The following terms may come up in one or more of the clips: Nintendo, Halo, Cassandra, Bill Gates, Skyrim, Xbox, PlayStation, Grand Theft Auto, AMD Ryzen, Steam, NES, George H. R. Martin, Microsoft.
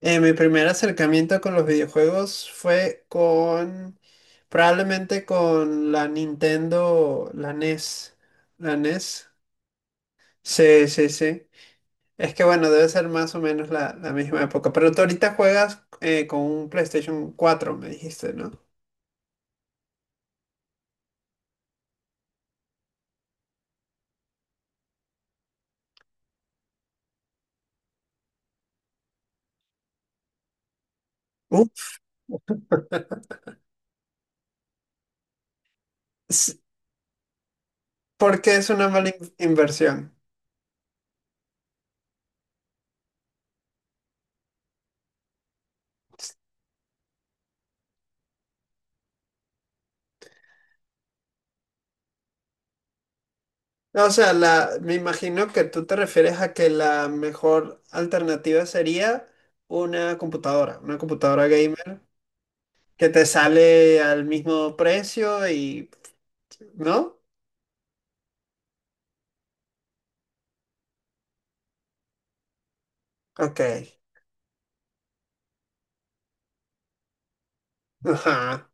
Mi primer acercamiento con los videojuegos fue probablemente con la Nintendo, la NES. La NES. Sí, sí, sí. Es que bueno, debe ser más o menos la misma época. Pero tú ahorita juegas con un PlayStation 4, me dijiste, ¿no? Uf, s- ¿por qué es una mala inversión? O sea, me imagino que tú te refieres a que la mejor alternativa sería una computadora gamer que te sale al mismo precio y, ¿no? Ok. Ajá.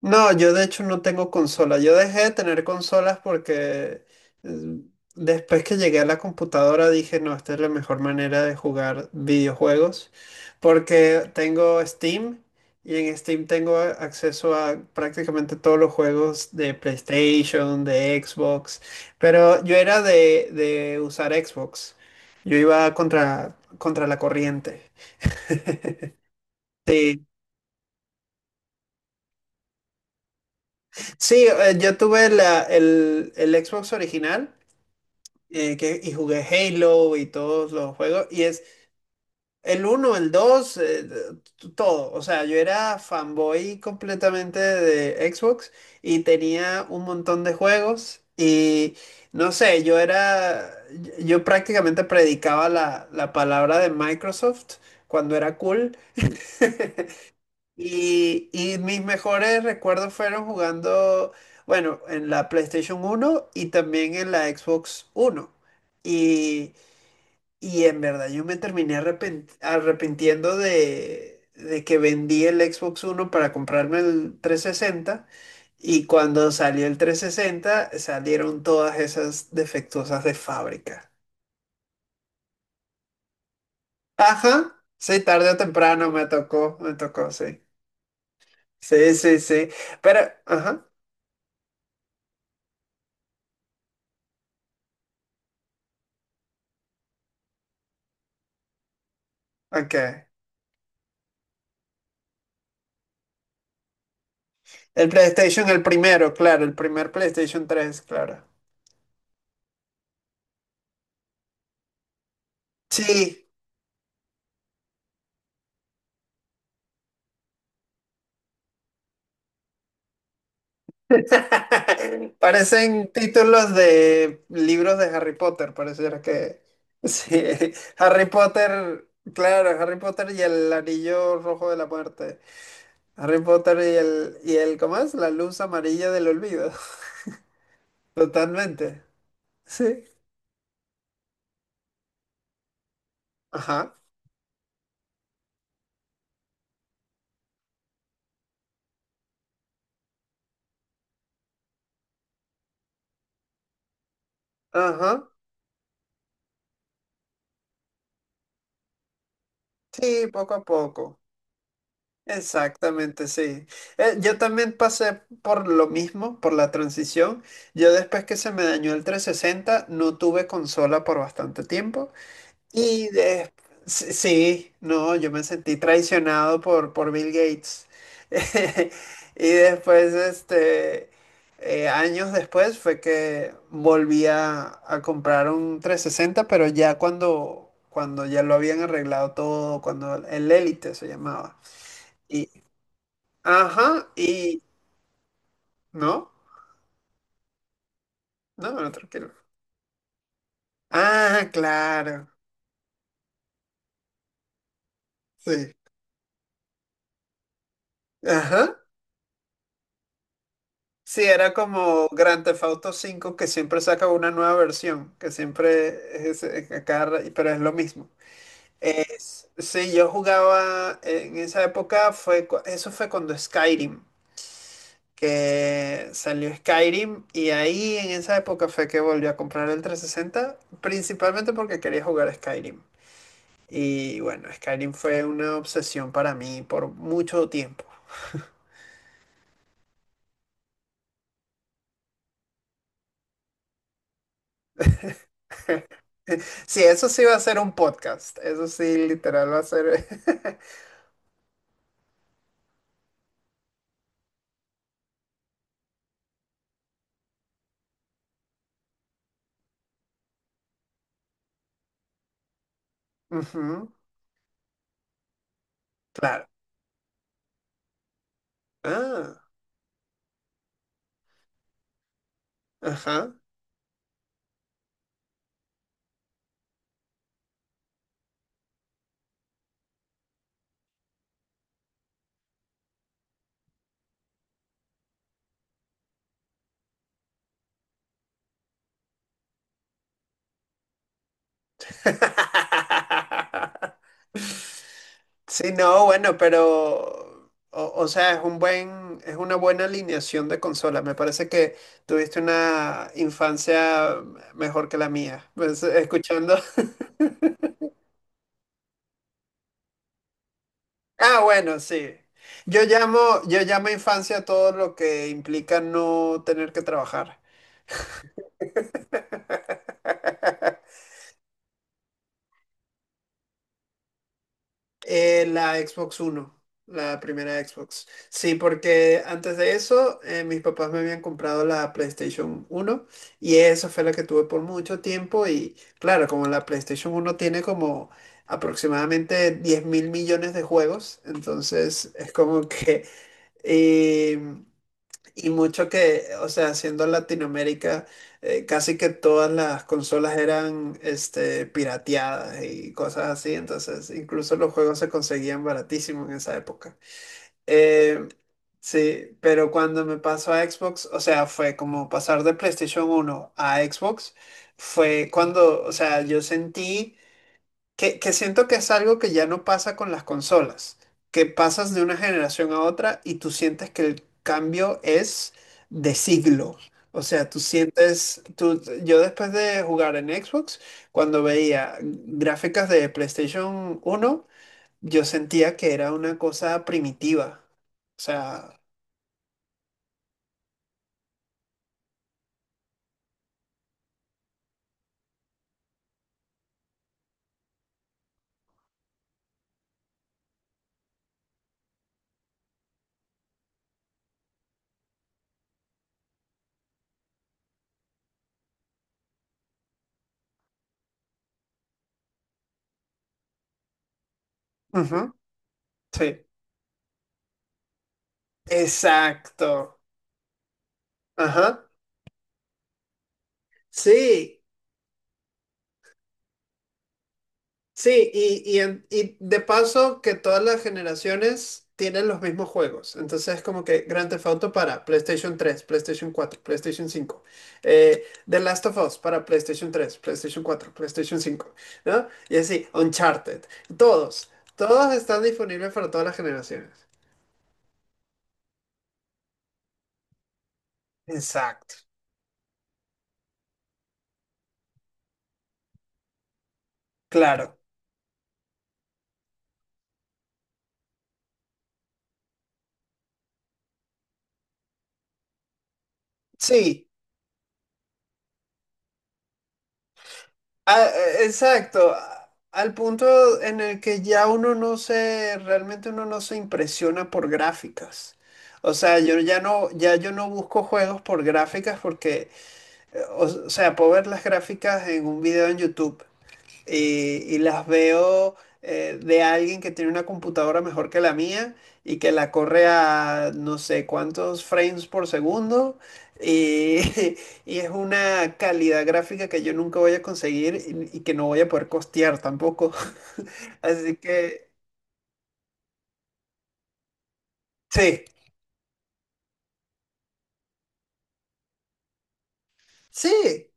No, yo de hecho no tengo consola. Yo dejé de tener consolas porque eh, después que llegué a la computadora dije, no, esta es la mejor manera de jugar videojuegos porque tengo Steam y en Steam tengo acceso a prácticamente todos los juegos de PlayStation, de Xbox, pero yo era de usar Xbox. Yo iba contra la corriente. Sí, sí, yo tuve el Xbox original. Y jugué Halo y todos los juegos. Y es el uno el 2 todo. O sea, yo era fanboy completamente de Xbox y tenía un montón de juegos. Y no sé, yo prácticamente predicaba la palabra de Microsoft cuando era cool. Y mis mejores recuerdos fueron jugando, bueno, en la PlayStation 1 y también en la Xbox 1 y Y en verdad yo me terminé arrepintiendo de que vendí el Xbox One para comprarme el 360 y cuando salió el 360 salieron todas esas defectuosas de fábrica. Ajá, sí, tarde o temprano me tocó, sí. Sí, sí, sí. Pero, ajá, ok. El PlayStation, el primero, claro, el primer PlayStation 3, claro. Sí. Parecen títulos de libros de Harry Potter, pareciera que... Sí. Harry Potter, claro, Harry Potter y el anillo rojo de la muerte. Harry Potter y el, ¿cómo es? La luz amarilla del olvido. Totalmente. Sí. Ajá. Ajá. Sí, poco a poco. Exactamente, sí. Yo también pasé por lo mismo, por la transición. Yo después que se me dañó el 360 no tuve consola por bastante tiempo. Y sí, no, yo me sentí traicionado por Bill Gates. Y después, este, años después fue que volví a comprar un 360 pero ya cuando ya lo habían arreglado todo, cuando el Elite se llamaba. Y, ajá, y, no, no, no, tranquilo. Ah, claro, sí. Ajá. Sí, era como Grand Theft Auto 5 que siempre saca una nueva versión, que siempre es pero es lo mismo. Sí, yo jugaba en esa época, eso fue cuando Skyrim, que salió Skyrim y ahí en esa época fue que volví a comprar el 360 principalmente porque quería jugar Skyrim. Y bueno, Skyrim fue una obsesión para mí por mucho tiempo. Sí, eso sí va a ser un podcast, eso sí, literal va a ser... Ujú, claro. Ah, ajá. Sí, no, bueno, pero, o sea, es una buena alineación de consola. Me parece que tuviste una infancia mejor que la mía. Pues, escuchando. Ah, bueno, sí. Yo llamo, yo llamo infancia todo lo que implica no tener que trabajar. La Xbox One, la primera Xbox. Sí, porque antes de eso, mis papás me habían comprado la PlayStation 1 y esa fue la que tuve por mucho tiempo y claro, como la PlayStation 1 tiene como aproximadamente 10.000.000.000 de juegos, entonces es como que... em, y mucho que, o sea, siendo Latinoamérica, casi que todas las consolas eran este, pirateadas y cosas así, entonces incluso los juegos se conseguían baratísimos en esa época. Eh, sí, pero cuando me pasó a Xbox, o sea, fue como pasar de PlayStation 1 a Xbox, fue cuando, o sea, yo sentí que siento que es algo que ya no pasa con las consolas, que pasas de una generación a otra y tú sientes que el cambio es de siglo. O sea, yo después de jugar en Xbox, cuando veía gráficas de PlayStation 1 yo sentía que era una cosa primitiva. O sea, ujú, sí. Exacto. Ajá. Sí. Sí, y de paso que todas las generaciones tienen los mismos juegos. Entonces es como que Grand Theft Auto para PlayStation 3 PlayStation 4 PlayStation 5 The Last of Us para PlayStation 3 PlayStation 4 PlayStation cinco, ¿no? Y así, Uncharted. Todos, todos están disponibles para todas las generaciones. Exacto, claro. Sí. Ah, exacto, al punto en el que ya uno no se, realmente uno no se impresiona por gráficas. O sea, yo ya no, ya yo no busco juegos por gráficas porque, o sea, puedo ver las gráficas en un video en YouTube, y las veo de alguien que tiene una computadora mejor que la mía y que la corre a no sé cuántos frames por segundo y, y es una calidad gráfica que yo nunca voy a conseguir y que no voy a poder costear tampoco. Así que sí, sí,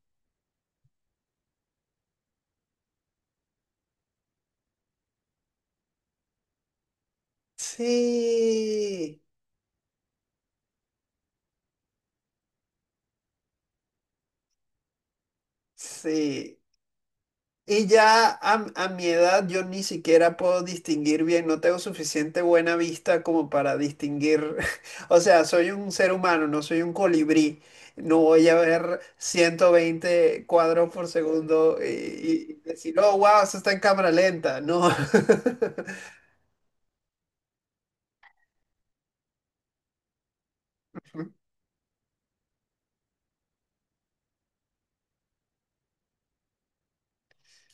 sí, sí. Y ya a mi edad yo ni siquiera puedo distinguir bien, no tengo suficiente buena vista como para distinguir, o sea, soy un ser humano, no soy un colibrí, no voy a ver 120 cuadros por segundo y decir, oh, wow, eso está en cámara lenta, no.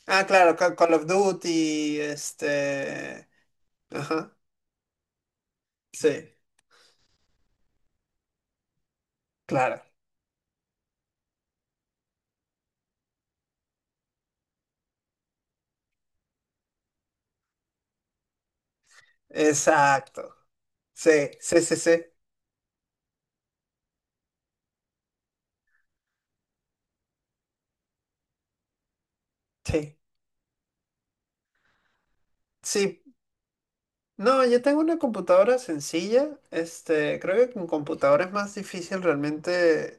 Ah, claro, Call of Duty, este, ajá, sí, claro, exacto, sí, sí, sí, sí, sí, sí. No, yo tengo una computadora sencilla. Este, creo que con computadora es más difícil realmente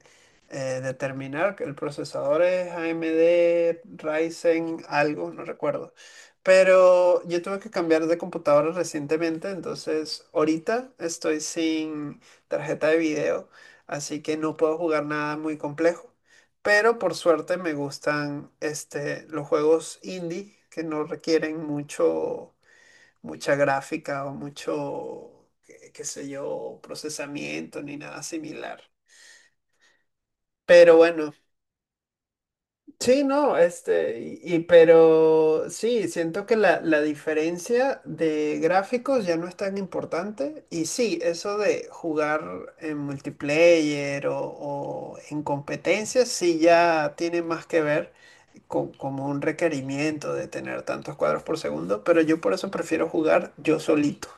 determinar que el procesador es AMD Ryzen algo, no recuerdo. Pero yo tuve que cambiar de computadora recientemente, entonces ahorita estoy sin tarjeta de video, así que no puedo jugar nada muy complejo. Pero por suerte me gustan este, los juegos indie que no requieren mucho mucha gráfica o mucho, qué sé yo, procesamiento ni nada similar. Pero bueno, sí, no, este, y pero sí, siento que la diferencia de gráficos ya no es tan importante. Y sí, eso de jugar en multiplayer o en competencias, sí ya tiene más que ver con como un requerimiento de tener tantos cuadros por segundo, pero yo por eso prefiero jugar yo solito.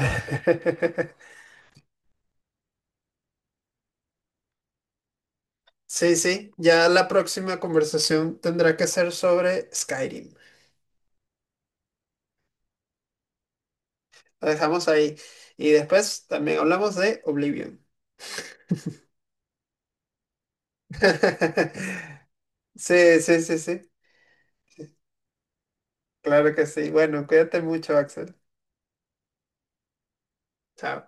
Sí, sí, ya la próxima conversación tendrá que ser sobre Skyrim. Lo dejamos ahí. Y después también hablamos de Oblivion. Sí, sí, sí, sí. Claro que sí. Bueno, cuídate mucho, Axel. Chao.